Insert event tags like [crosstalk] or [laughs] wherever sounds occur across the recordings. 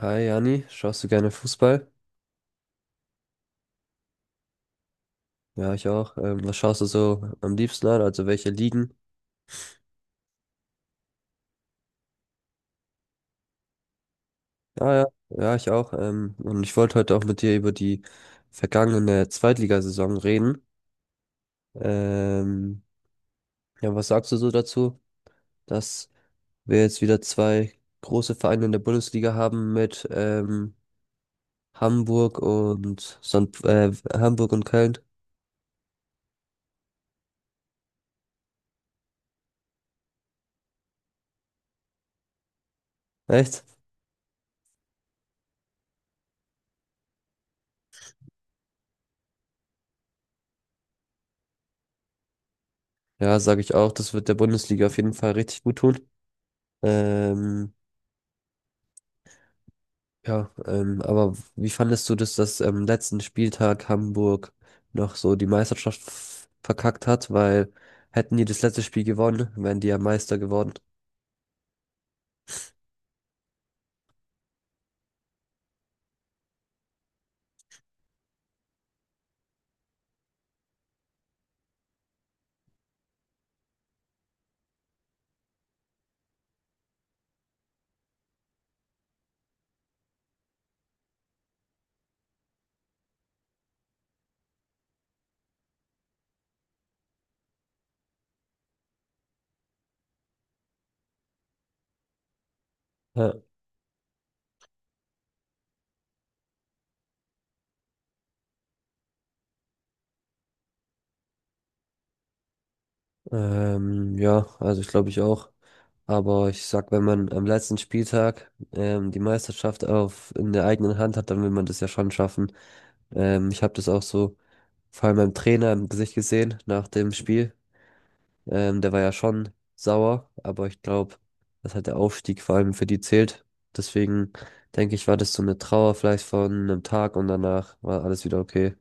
Hi Jani, schaust du gerne Fußball? Ja, ich auch. Was schaust du so am liebsten an? Also welche Ligen? Ja, ja, ja, ich auch. Und ich wollte heute auch mit dir über die vergangene Zweitligasaison reden. Ähm, ja, was sagst du so dazu, dass wir jetzt wieder zwei große Vereine in der Bundesliga haben mit Hamburg und Hamburg und Köln? Echt? Ja, sage ich auch. Das wird der Bundesliga auf jeden Fall richtig gut tun. Ähm, Ja, aber wie fandest du das, dass am letzten Spieltag Hamburg noch so die Meisterschaft verkackt hat? Weil hätten die das letzte Spiel gewonnen, wären die ja Meister geworden. Ja, ja, also ich glaube ich auch. Aber ich sag, wenn man am letzten Spieltag die Meisterschaft auf in der eigenen Hand hat, dann will man das ja schon schaffen. Ich habe das auch so vor allem beim Trainer im Gesicht gesehen nach dem Spiel. Der war ja schon sauer, aber ich glaube, dass halt der Aufstieg vor allem für die zählt. Deswegen denke ich, war das so eine Trauer vielleicht von einem Tag und danach war alles wieder okay.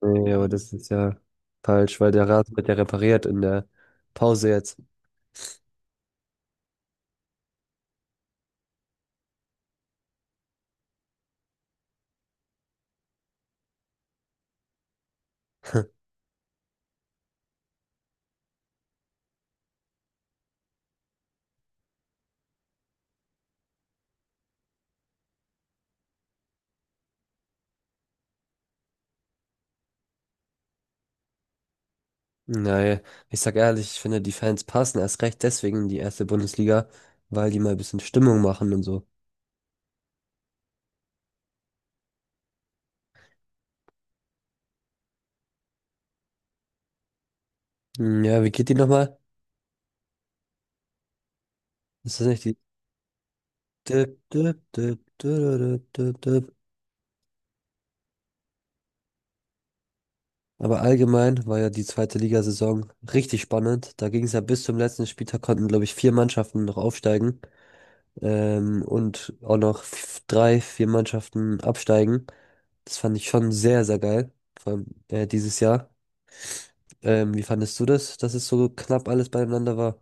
Nee, aber das ist ja falsch, weil der Rasen wird ja repariert in der Pause jetzt. Naja, ich sag ehrlich, ich finde, die Fans passen erst recht deswegen in die erste Bundesliga, weil die mal ein bisschen Stimmung machen und so. Hm, ja, wie geht die nochmal? Ist das nicht die? Aber allgemein war ja die zweite Ligasaison richtig spannend. Da ging es ja bis zum letzten Spieltag, konnten, glaube ich, vier Mannschaften noch aufsteigen, und auch noch drei, vier Mannschaften absteigen. Das fand ich schon sehr, sehr geil, vor allem dieses Jahr. Wie fandest du das, dass es so knapp alles beieinander war?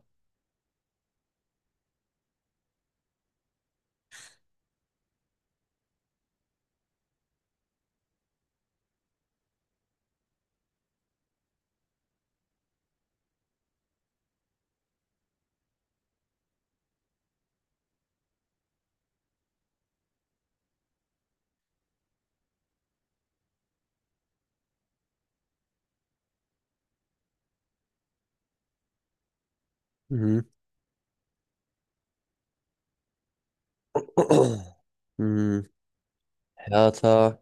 Mhm. [clears throat] Mhm. Hertha,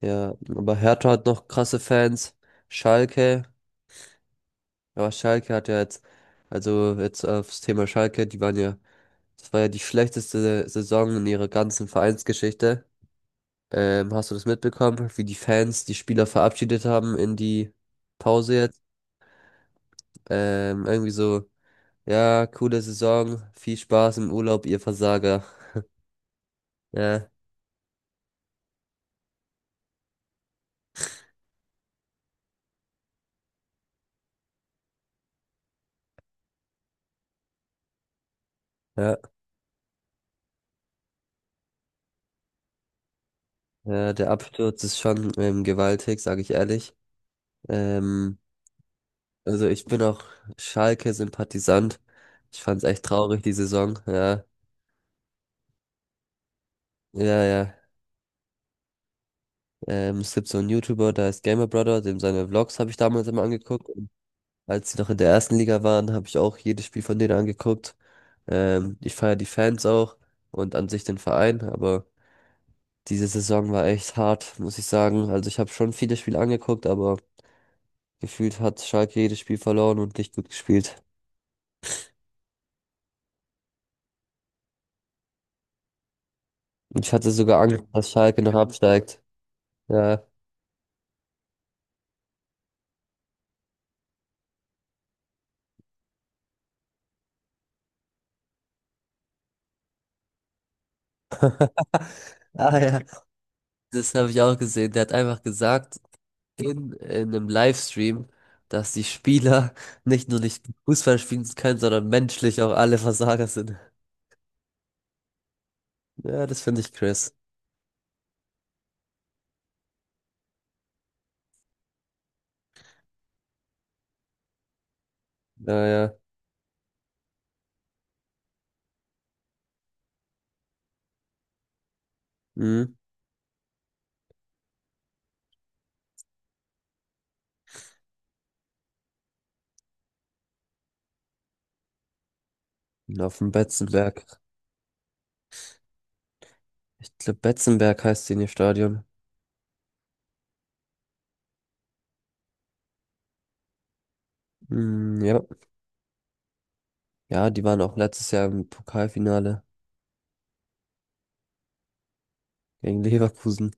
ja, aber Hertha hat noch krasse Fans. Schalke. Aber Schalke hat ja jetzt, also jetzt aufs Thema Schalke, die waren ja, das war ja die schlechteste Saison in ihrer ganzen Vereinsgeschichte. Hast du das mitbekommen, wie die Fans die Spieler verabschiedet haben in die Pause jetzt? Irgendwie so, ja, coole Saison, viel Spaß im Urlaub, ihr Versager. Ja, ja, ja, der Absturz ist schon gewaltig, sage ich ehrlich. Ähm, also ich bin auch Schalke-Sympathisant. Ich fand's echt traurig, die Saison. Ja, ja, ja. Es gibt so einen YouTuber, der heißt Gamer Brother, dem seine Vlogs habe ich damals immer angeguckt. Und als sie noch in der ersten Liga waren, habe ich auch jedes Spiel von denen angeguckt. Ich feiere die Fans auch und an sich den Verein, aber diese Saison war echt hart, muss ich sagen. Also ich habe schon viele Spiele angeguckt, aber gefühlt hat Schalke jedes Spiel verloren und nicht gut gespielt. Und ich hatte sogar Angst, dass Schalke noch absteigt. Ja, [laughs] ah ja, das habe ich auch gesehen. Der hat einfach gesagt, in einem Livestream, dass die Spieler [laughs] nicht nur nicht Fußball spielen können, sondern menschlich auch alle Versager sind. Ja, das finde ich Chris. Ja, ja. Mhm. Und auf dem Betzenberg. Ich glaube, Betzenberg heißt die in ihr Stadion. Mhm, ja. Ja, die waren auch letztes Jahr im Pokalfinale gegen Leverkusen.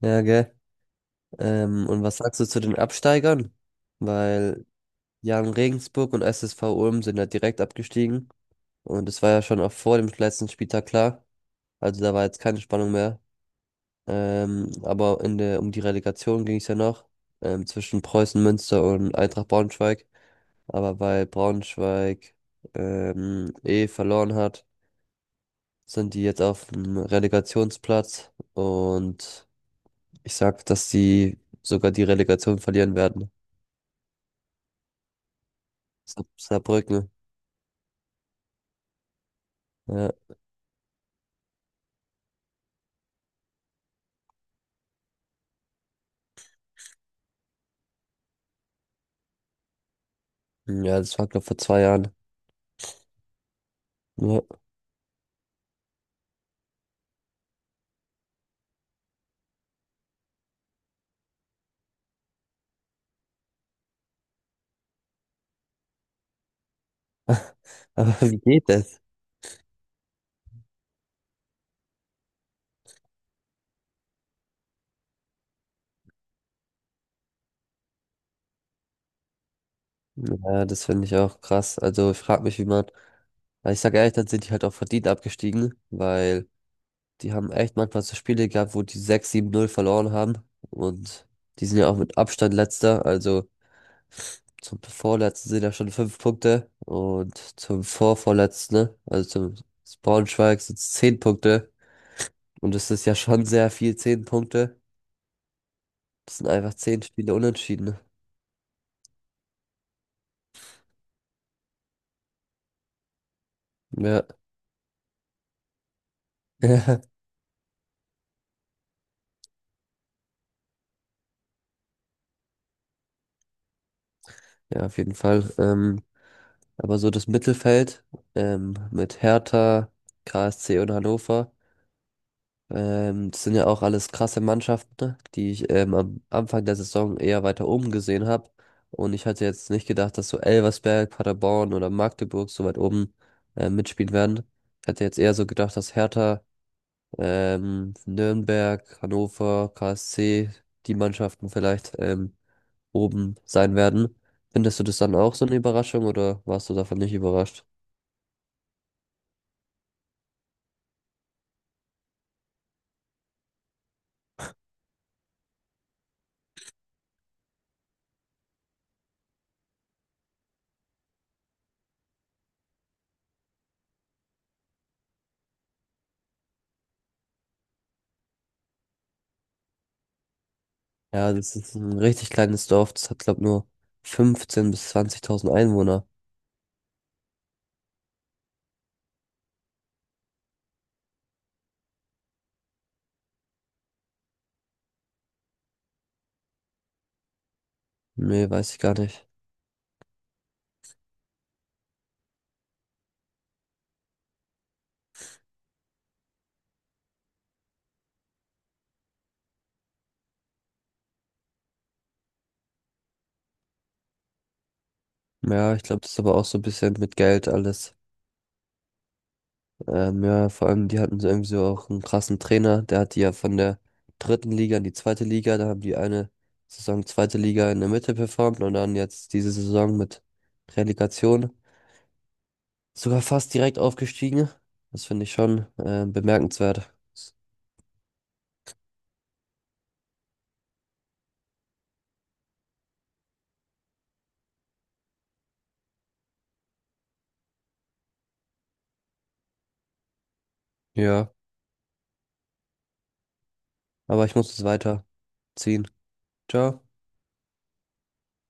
Ja, gell. Und was sagst du zu den Absteigern? Weil Jan Regensburg und SSV Ulm sind ja direkt abgestiegen. Und es war ja schon auch vor dem letzten Spieltag klar. Also da war jetzt keine Spannung mehr. Aber in der, um die Relegation ging es ja noch, zwischen Preußen Münster und Eintracht Braunschweig. Aber weil Braunschweig eh verloren hat, sind die jetzt auf dem Relegationsplatz. Und ich sag, dass sie sogar die Relegation verlieren werden. Saarbrücken. Ja, ja, das war, glaube vor 2 Jahren. Ja. [laughs] Aber wie geht das? Ja, das finde ich auch krass. Also ich frage mich, wie man, weil ich sage ehrlich, dann sind die halt auch verdient abgestiegen, weil die haben echt manchmal so Spiele gehabt, wo die sechs sieben null verloren haben und die sind ja auch mit Abstand letzter, also zum vorletzten sind ja schon 5 Punkte und zum vorvorletzten, ne, also zum Braunschweig sind es 10 Punkte und das ist ja schon sehr viel, 10 Punkte. Das sind einfach 10 Spiele unentschieden. Ne? Ja, [laughs] ja, auf jeden Fall. Aber so das Mittelfeld, mit Hertha, KSC und Hannover, das sind ja auch alles krasse Mannschaften, ne, die ich am Anfang der Saison eher weiter oben gesehen habe. Und ich hatte jetzt nicht gedacht, dass so Elversberg, Paderborn oder Magdeburg so weit oben mitspielen werden. Ich hatte jetzt eher so gedacht, dass Hertha, Nürnberg, Hannover, KSC, die Mannschaften vielleicht oben sein werden. Findest du das dann auch so eine Überraschung oder warst du davon nicht überrascht? Ja, das ist ein richtig kleines Dorf. Das hat, glaube nur 15.000 bis 20.000 Einwohner. Nee, weiß ich gar nicht. Ja, ich glaube, das ist aber auch so ein bisschen mit Geld alles. Ja, vor allem, die hatten so irgendwie so auch einen krassen Trainer. Der hat die ja von der dritten Liga in die zweite Liga. Da haben die eine Saison zweite Liga in der Mitte performt und dann jetzt diese Saison mit Relegation sogar fast direkt aufgestiegen. Das finde ich schon bemerkenswert. Ja, aber ich muss jetzt weiterziehen. Ciao.